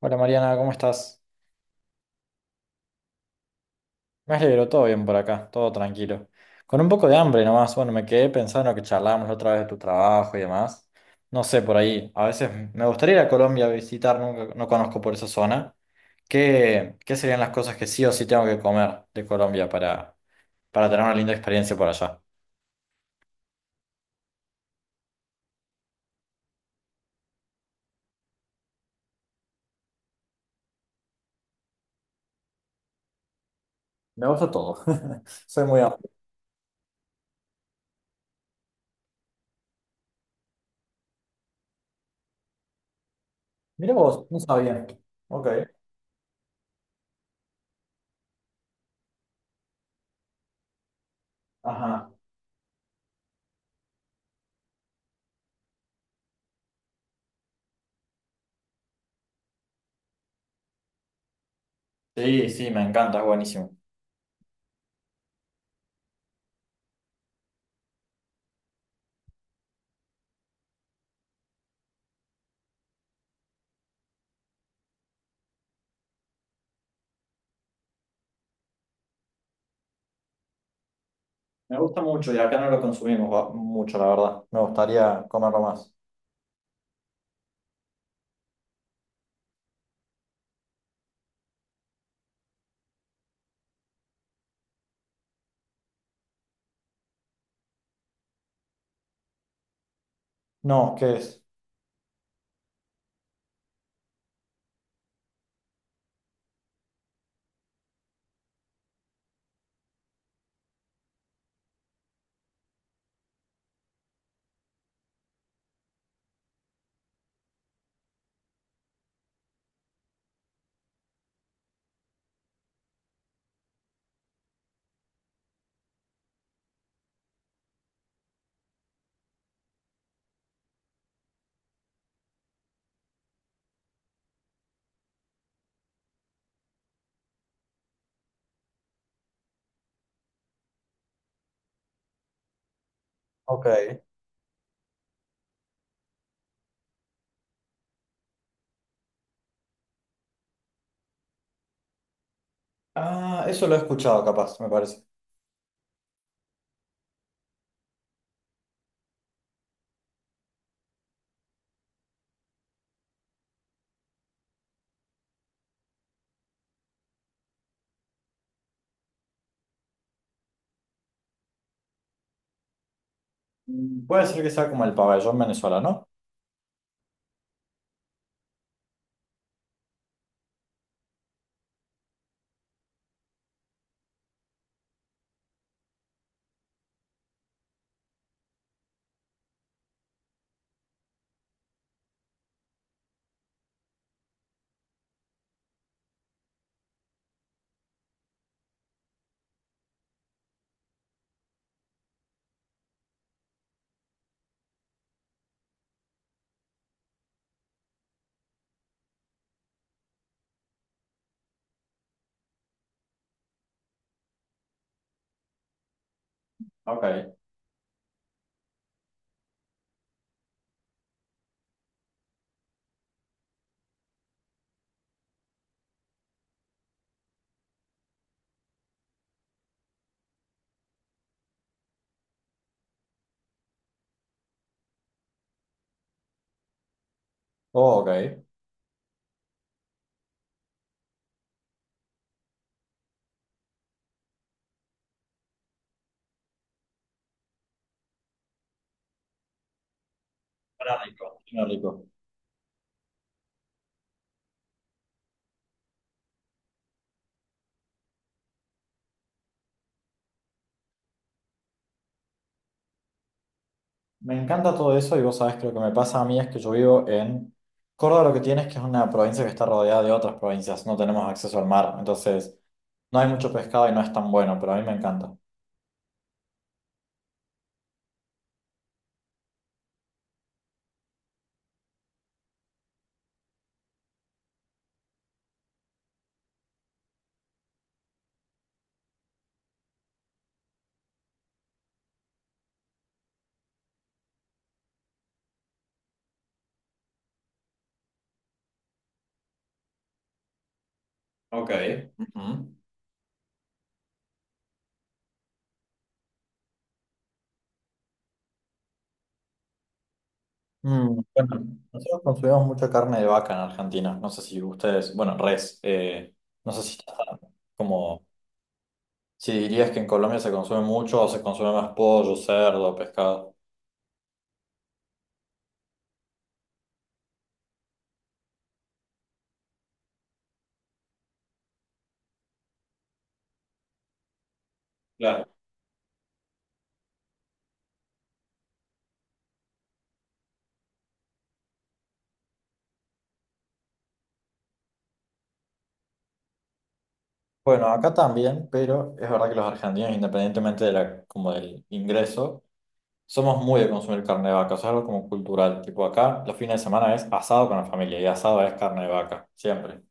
Hola Mariana, ¿cómo estás? Me alegro, todo bien por acá, todo tranquilo. Con un poco de hambre nomás, bueno, me quedé pensando que charlamos la otra vez de tu trabajo y demás. No sé, por ahí, a veces me gustaría ir a Colombia a visitar, nunca, no conozco por esa zona. ¿Qué serían las cosas que sí o sí tengo que comer de Colombia para tener una linda experiencia por allá? Me gusta todo. Soy muy amplio. Mira vos, no sabía. Ok. Ajá. Sí, sí, me encanta, es buenísimo. Me gusta mucho y acá no lo consumimos mucho, la verdad. Me gustaría comerlo más. No, ¿qué es? Ok. Ah, eso lo he escuchado capaz, me parece. Mm, puede ser que sea como el pabellón venezolano. Ok. Oh, ok. Suena rico. Suena rico. Me encanta todo eso y vos sabés que lo que me pasa a mí es que yo vivo en Córdoba, lo que tienes que es una provincia que está rodeada de otras provincias. No tenemos acceso al mar, entonces no hay mucho pescado y no es tan bueno, pero a mí me encanta. Ok. Ujú. Mm, bueno, nosotros consumimos mucha carne de vaca en Argentina. No sé si ustedes, bueno, res. No sé si está como, si dirías que en Colombia se consume mucho o se consume más pollo, cerdo, pescado. Claro. Bueno, acá también, pero es verdad que los argentinos, independientemente de la, como del ingreso, somos muy de consumir carne de vaca. O sea, es algo como cultural. Tipo acá, los fines de semana es asado con la familia y asado es carne de vaca, siempre.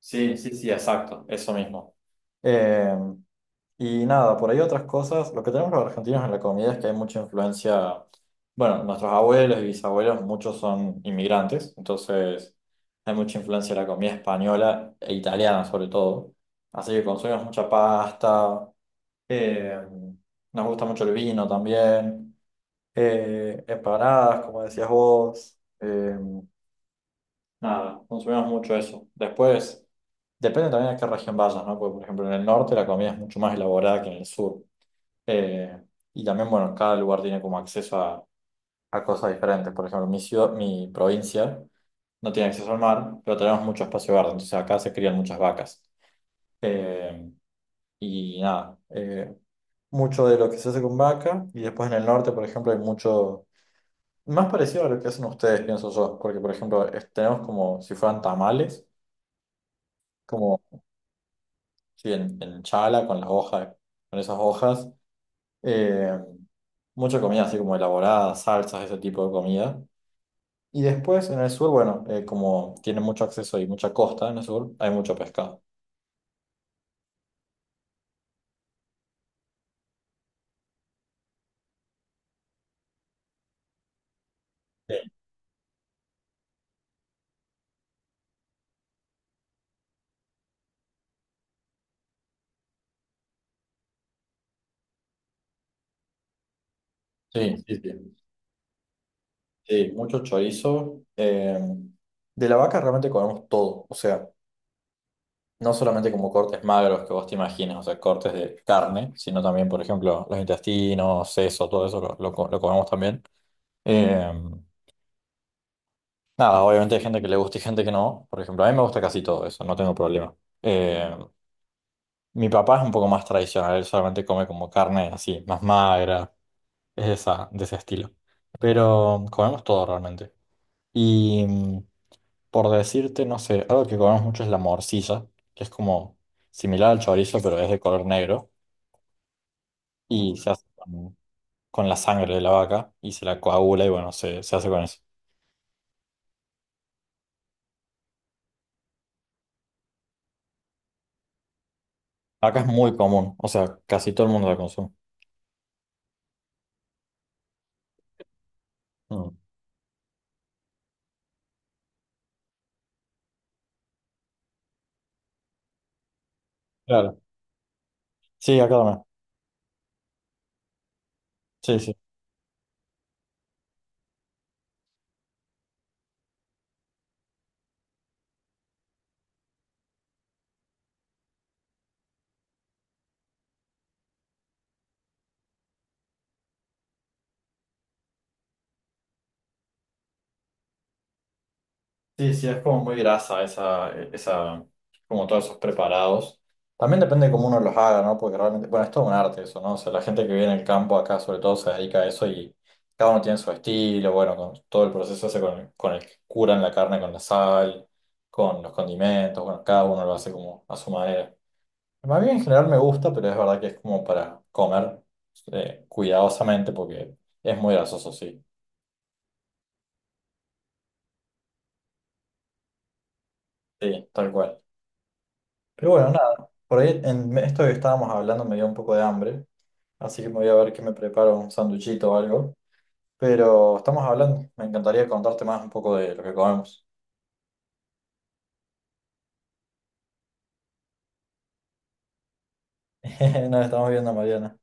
Sí, sí, sí, exacto, eso mismo. Y nada, por ahí otras cosas. Lo que tenemos los argentinos en la comida es que hay mucha influencia. Bueno, nuestros abuelos y bisabuelos, muchos son inmigrantes, entonces hay mucha influencia de la comida española e italiana sobre todo. Así que consumimos mucha pasta, eh, nos gusta mucho el vino también, empanadas, como decías vos. Nada, consumimos mucho eso. Después, depende también de qué región vayas, ¿no? Porque, por ejemplo, en el norte la comida es mucho más elaborada que en el sur. Eh, y también, bueno, cada lugar tiene como acceso a cosas diferentes. Por ejemplo, mi ciudad, mi provincia no tiene acceso al mar, pero tenemos mucho espacio verde, entonces acá se crían muchas vacas. Eh, y nada, mucho de lo que se hace con vaca, y después en el norte, por ejemplo, hay mucho, más parecido a lo que hacen ustedes, pienso yo, porque por ejemplo, tenemos como si fueran tamales, como sí, en chala, con las hojas, con esas hojas, eh, mucha comida así como elaborada, salsas, ese tipo de comida. Y después en el sur, bueno, como tiene mucho acceso y mucha costa en el sur, hay mucho pescado. Sí, sí, sí. Sí, sí, mucho chorizo. De la vaca realmente comemos todo. O sea, no solamente como cortes magros que vos te imaginas, o sea, cortes de carne, sino también, por ejemplo, los intestinos, seso, todo eso lo, lo comemos también. Eh, Nada, obviamente hay gente que le gusta y gente que no. Por ejemplo, a mí me gusta casi todo eso, no tengo problema. Eh, Mi papá es un poco más tradicional, él solamente come como carne así, más magra. Es de, esa, de ese estilo. Pero comemos todo realmente. Y mm, por decirte, no sé, algo que comemos mucho es la morcilla, que es como similar al chorizo, pero es de color negro. Y se hace con la sangre de la vaca y se la coagula y bueno, se hace con eso. Acá es muy común, o sea, casi todo el mundo la consume. Mm. Claro. Sí, acá también. Sí, sí. Sí, sí, es como muy grasa esa, como todos esos preparados. También depende de cómo uno los haga, ¿no? Porque realmente, bueno, es todo un arte eso, ¿no? O sea, la gente que vive en el campo acá sobre todo se dedica a eso y cada uno tiene su estilo, bueno, con todo el proceso ese con el que curan la carne con la sal, con los condimentos, bueno, cada uno lo hace como a su manera. Más bien en general me gusta, pero es verdad que es como para comer cuidadosamente porque es muy grasoso, sí. Sí, tal cual. Pero bueno, nada, por ahí en esto que estábamos hablando me dio un poco de hambre, así que me voy a ver qué me preparo, un sanduchito o algo. Pero estamos hablando, me encantaría contarte más un poco de lo que comemos. Nos estamos viendo, Mariana.